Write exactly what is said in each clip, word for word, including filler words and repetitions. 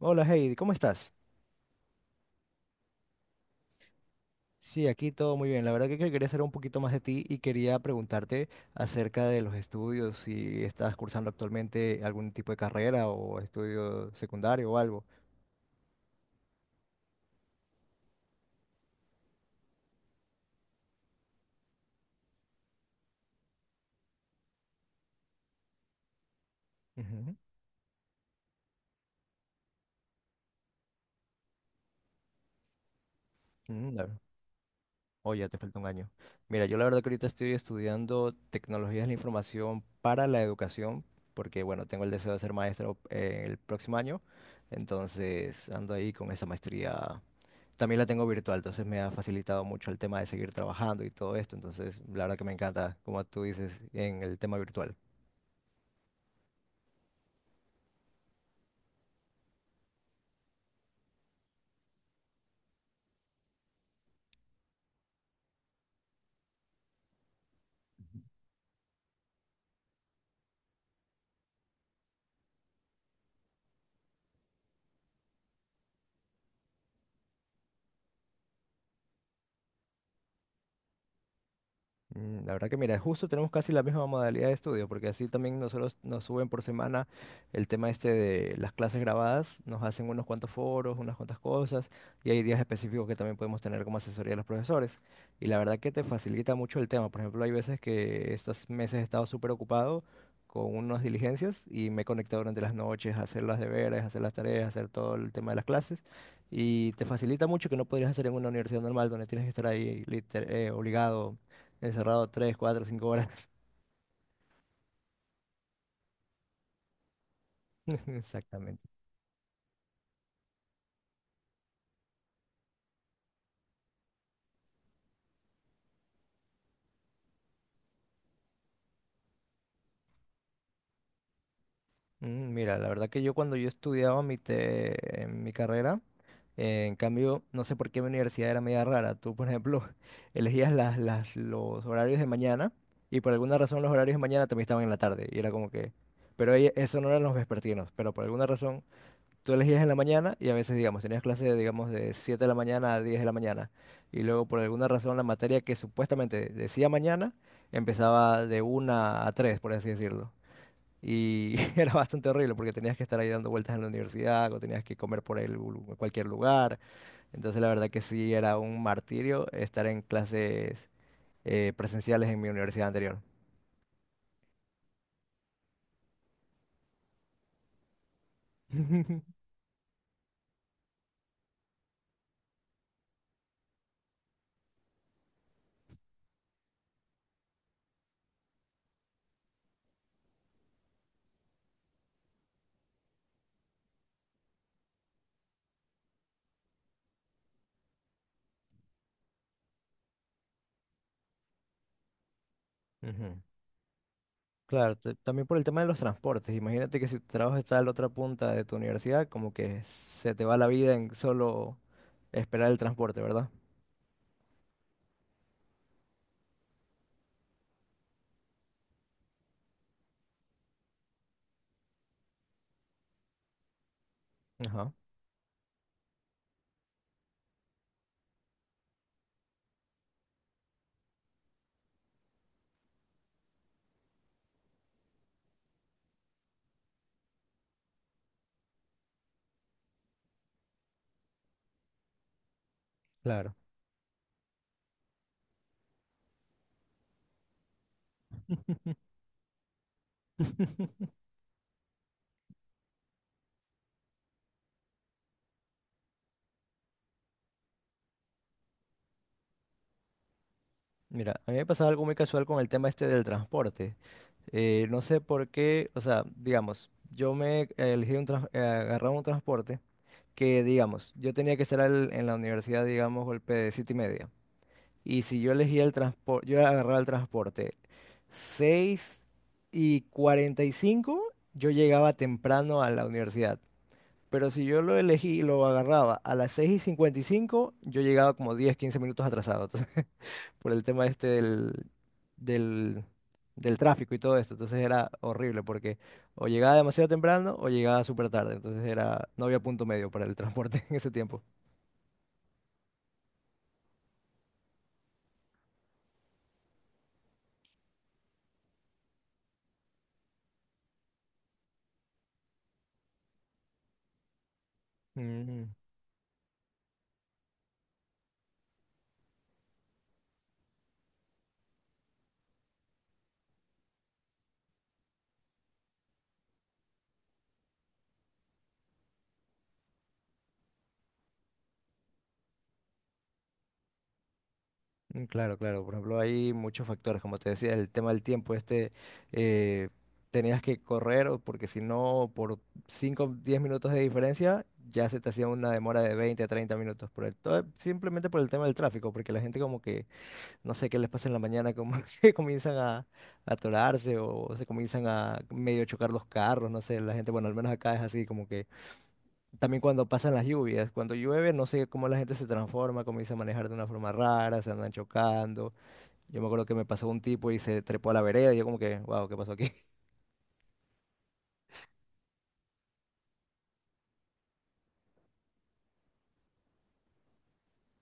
Hola Heidi, ¿cómo estás? Sí, aquí todo muy bien. La verdad que que quería saber un poquito más de ti y quería preguntarte acerca de los estudios, si estás cursando actualmente algún tipo de carrera o estudio secundario o algo. Ujú. Mm, la- Oh, ya te falta un año. Mira, yo la verdad que ahorita estoy estudiando tecnologías de la información para la educación, porque bueno, tengo el deseo de ser maestro eh, el próximo año, entonces ando ahí con esa maestría. También la tengo virtual, entonces me ha facilitado mucho el tema de seguir trabajando y todo esto. Entonces, la verdad que me encanta, como tú dices, en el tema virtual. Mm, La verdad que mira, justo tenemos casi la misma modalidad de estudio, porque así también nosotros nos suben por semana el tema este de las clases grabadas, nos hacen unos cuantos foros, unas cuantas cosas, y hay días específicos que también podemos tener como asesoría de los profesores. Y la verdad que te facilita mucho el tema. Por ejemplo, hay veces que estos meses he estado súper ocupado con unas diligencias y me he conectado durante las noches a hacer las deberes, a hacer las tareas, a hacer todo el tema de las clases. Y te facilita mucho que no podrías hacer en una universidad normal donde tienes que estar ahí liter- eh, obligado, encerrado tres, cuatro, cinco horas. Exactamente. Mm, Mira, la verdad que yo cuando yo estudiaba mi, te- en mi carrera, eh, en cambio, no sé por qué mi universidad era media rara. Tú, por ejemplo, elegías las, las, los horarios de mañana y por alguna razón los horarios de mañana también estaban en la tarde. Y era como que... Pero ahí- eso no eran los vespertinos, pero por alguna razón tú elegías en la mañana y a veces, digamos, tenías clase, digamos, de siete de la mañana a diez de la mañana. Y luego, por alguna razón, la materia que supuestamente decía mañana empezaba de una a tres por así decirlo. Y era bastante horrible porque tenías que estar ahí dando vueltas en la universidad o tenías que comer por ahí lu- en lu- cualquier lugar. Entonces, la verdad que sí era un martirio estar en clases eh, presenciales en mi universidad anterior. Ujú. Claro, t- también por el tema de los transportes. Imagínate que si tu trabajo está a la otra punta de tu universidad, como que se te va la vida en solo esperar el transporte, ¿verdad? Ajá, claro. Mira, a mí me pasaba algo muy casual con el tema este del transporte. Eh, no sé por qué, o sea, digamos, yo me elegí un trans- eh, agarraba un transporte que, digamos, yo tenía que estar al- en la universidad, digamos, golpe de siete y media. Y si yo elegía el transporte, yo agarraba el transporte seis y cuarenta y cinco, yo llegaba temprano a la universidad. Pero si yo lo elegí, lo agarraba a las seis y cincuenta y cinco, yo llegaba como diez, quince minutos atrasado. Entonces, por el tema este del, del, del tráfico y todo esto. Entonces era horrible porque o llegaba demasiado temprano o llegaba súper tarde. Entonces era, no había punto medio para el transporte en ese tiempo. Mm. Mm, Claro, claro. Por ejemplo, hay muchos factores, como te decía, el tema del tiempo. Este, eh, Tenías que correr o porque si no, por cinco, o diez minutos de diferencia, ya se te hacía una demora de veinte, a treinta minutos. Por el, todo- simplemente por el tema del tráfico, porque la gente como que, no sé qué les pasa en la mañana, como que comienzan a, a atorarse o se comienzan a medio chocar los carros, no sé, la gente, bueno, al menos acá es así, como que también cuando pasan las lluvias, cuando llueve, no sé cómo la gente se transforma, comienza a manejar de una forma rara, se andan chocando. Yo me acuerdo que me pasó un tipo y se trepó a la vereda y yo como que, wow, ¿qué pasó aquí?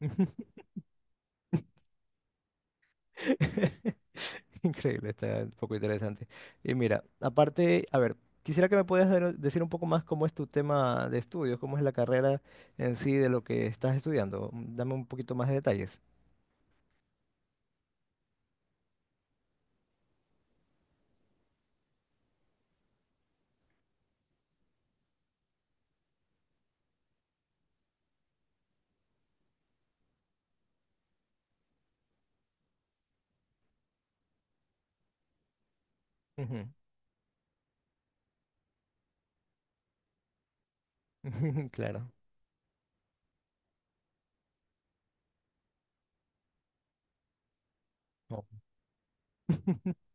Increíble, está un poco interesante. Y mira, aparte, a ver, quisiera que me puedas dar- decir un poco más cómo es tu tema de estudios, cómo es la carrera en sí de lo que estás estudiando. Mm, Dame un poquito más de detalles. Ujú. Claro. Oh.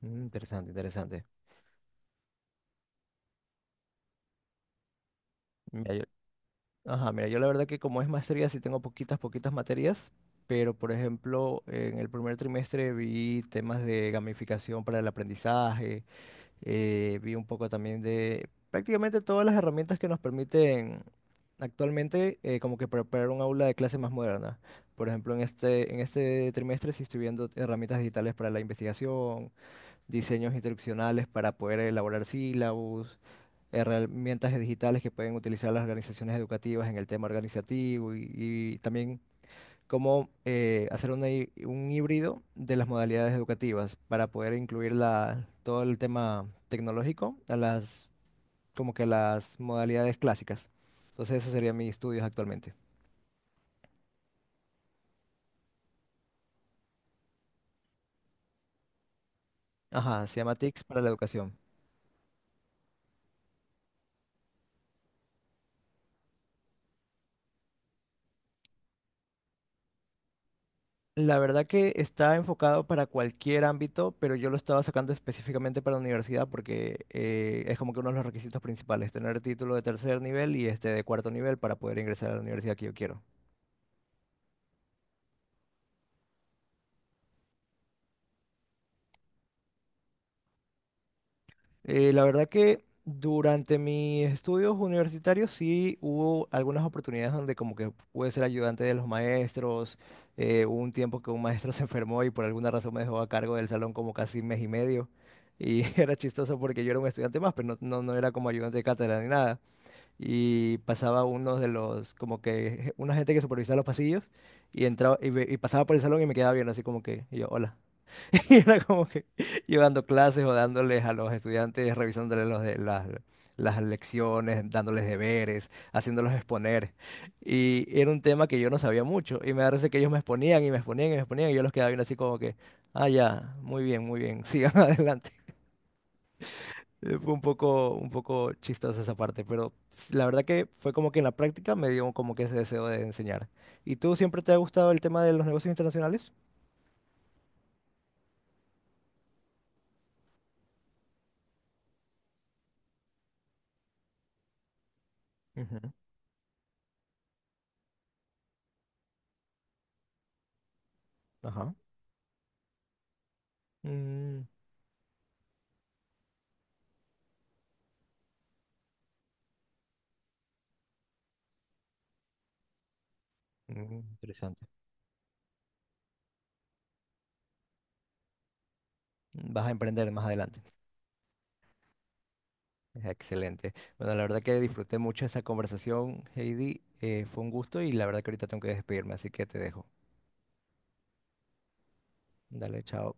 Mm, Interesante, interesante. Mira, yo- Ajá, mira, yo la verdad que como es maestría sí tengo poquitas, poquitas materias, pero por ejemplo, en el primer trimestre vi temas de gamificación para el aprendizaje, eh, vi un poco también de prácticamente todas las herramientas que nos permiten actualmente eh, como que preparar un aula de clase más moderna. Por ejemplo, en este, en este trimestre sí estoy viendo herramientas digitales para la investigación, diseños instruccionales para poder elaborar sílabos, herramientas digitales que pueden utilizar las organizaciones educativas en el tema organizativo y, y también cómo eh, hacer una hí- un híbrido de las modalidades educativas para poder incluir la- todo el tema tecnológico a las, como que a las modalidades clásicas. Entonces, esos serían mis estudios actualmente. Ajá, se llama T I C S para la educación. La verdad que está enfocado para cualquier ámbito, pero yo lo estaba sacando específicamente para la universidad porque eh, es como que uno de los requisitos principales, tener título de tercer nivel y este de cuarto nivel para poder ingresar a la universidad que yo quiero. Eh, la verdad que durante mis estudios universitarios sí hubo algunas oportunidades donde como que pude ser ayudante de los maestros. Eh, hubo un tiempo que un maestro se enfermó y por alguna razón me dejó a cargo del salón como casi mes y medio. Y era chistoso porque yo era un estudiante más, pero no, no, no era como ayudante de cátedra ni nada. Y pasaba uno de los, como que je- una gente que supervisaba los pasillos y entraba y, ve- y pasaba por el salón y me quedaba viendo así como que, y yo, hola. Y era como que yo dando clases o dándoles a los estudiantes, revisándoles los de, las, las lecciones, dándoles deberes, haciéndolos exponer. Y era un tema que yo no sabía mucho. Y me parece que ellos me exponían y me exponían y me exponían. Y yo los quedaba viendo así como que, ah, ya, muy bien, muy bien, sigan adelante. Eh, Fue un poco, un poco chistosa esa parte, pero s- la verdad que fue como que en la práctica me dio como que ese deseo de enseñar. ¿Y tú siempre te ha gustado el tema de los negocios internacionales? Ujú, ajá. Mm, mm, interesante. Vas a emprender más adelante. Excelente. Bueno, la verdad que disfruté mucho esa conversación, Heidi. Eh, fue un gusto y la verdad que ahorita tengo que despedirme, así que te dejo. Dale, chao.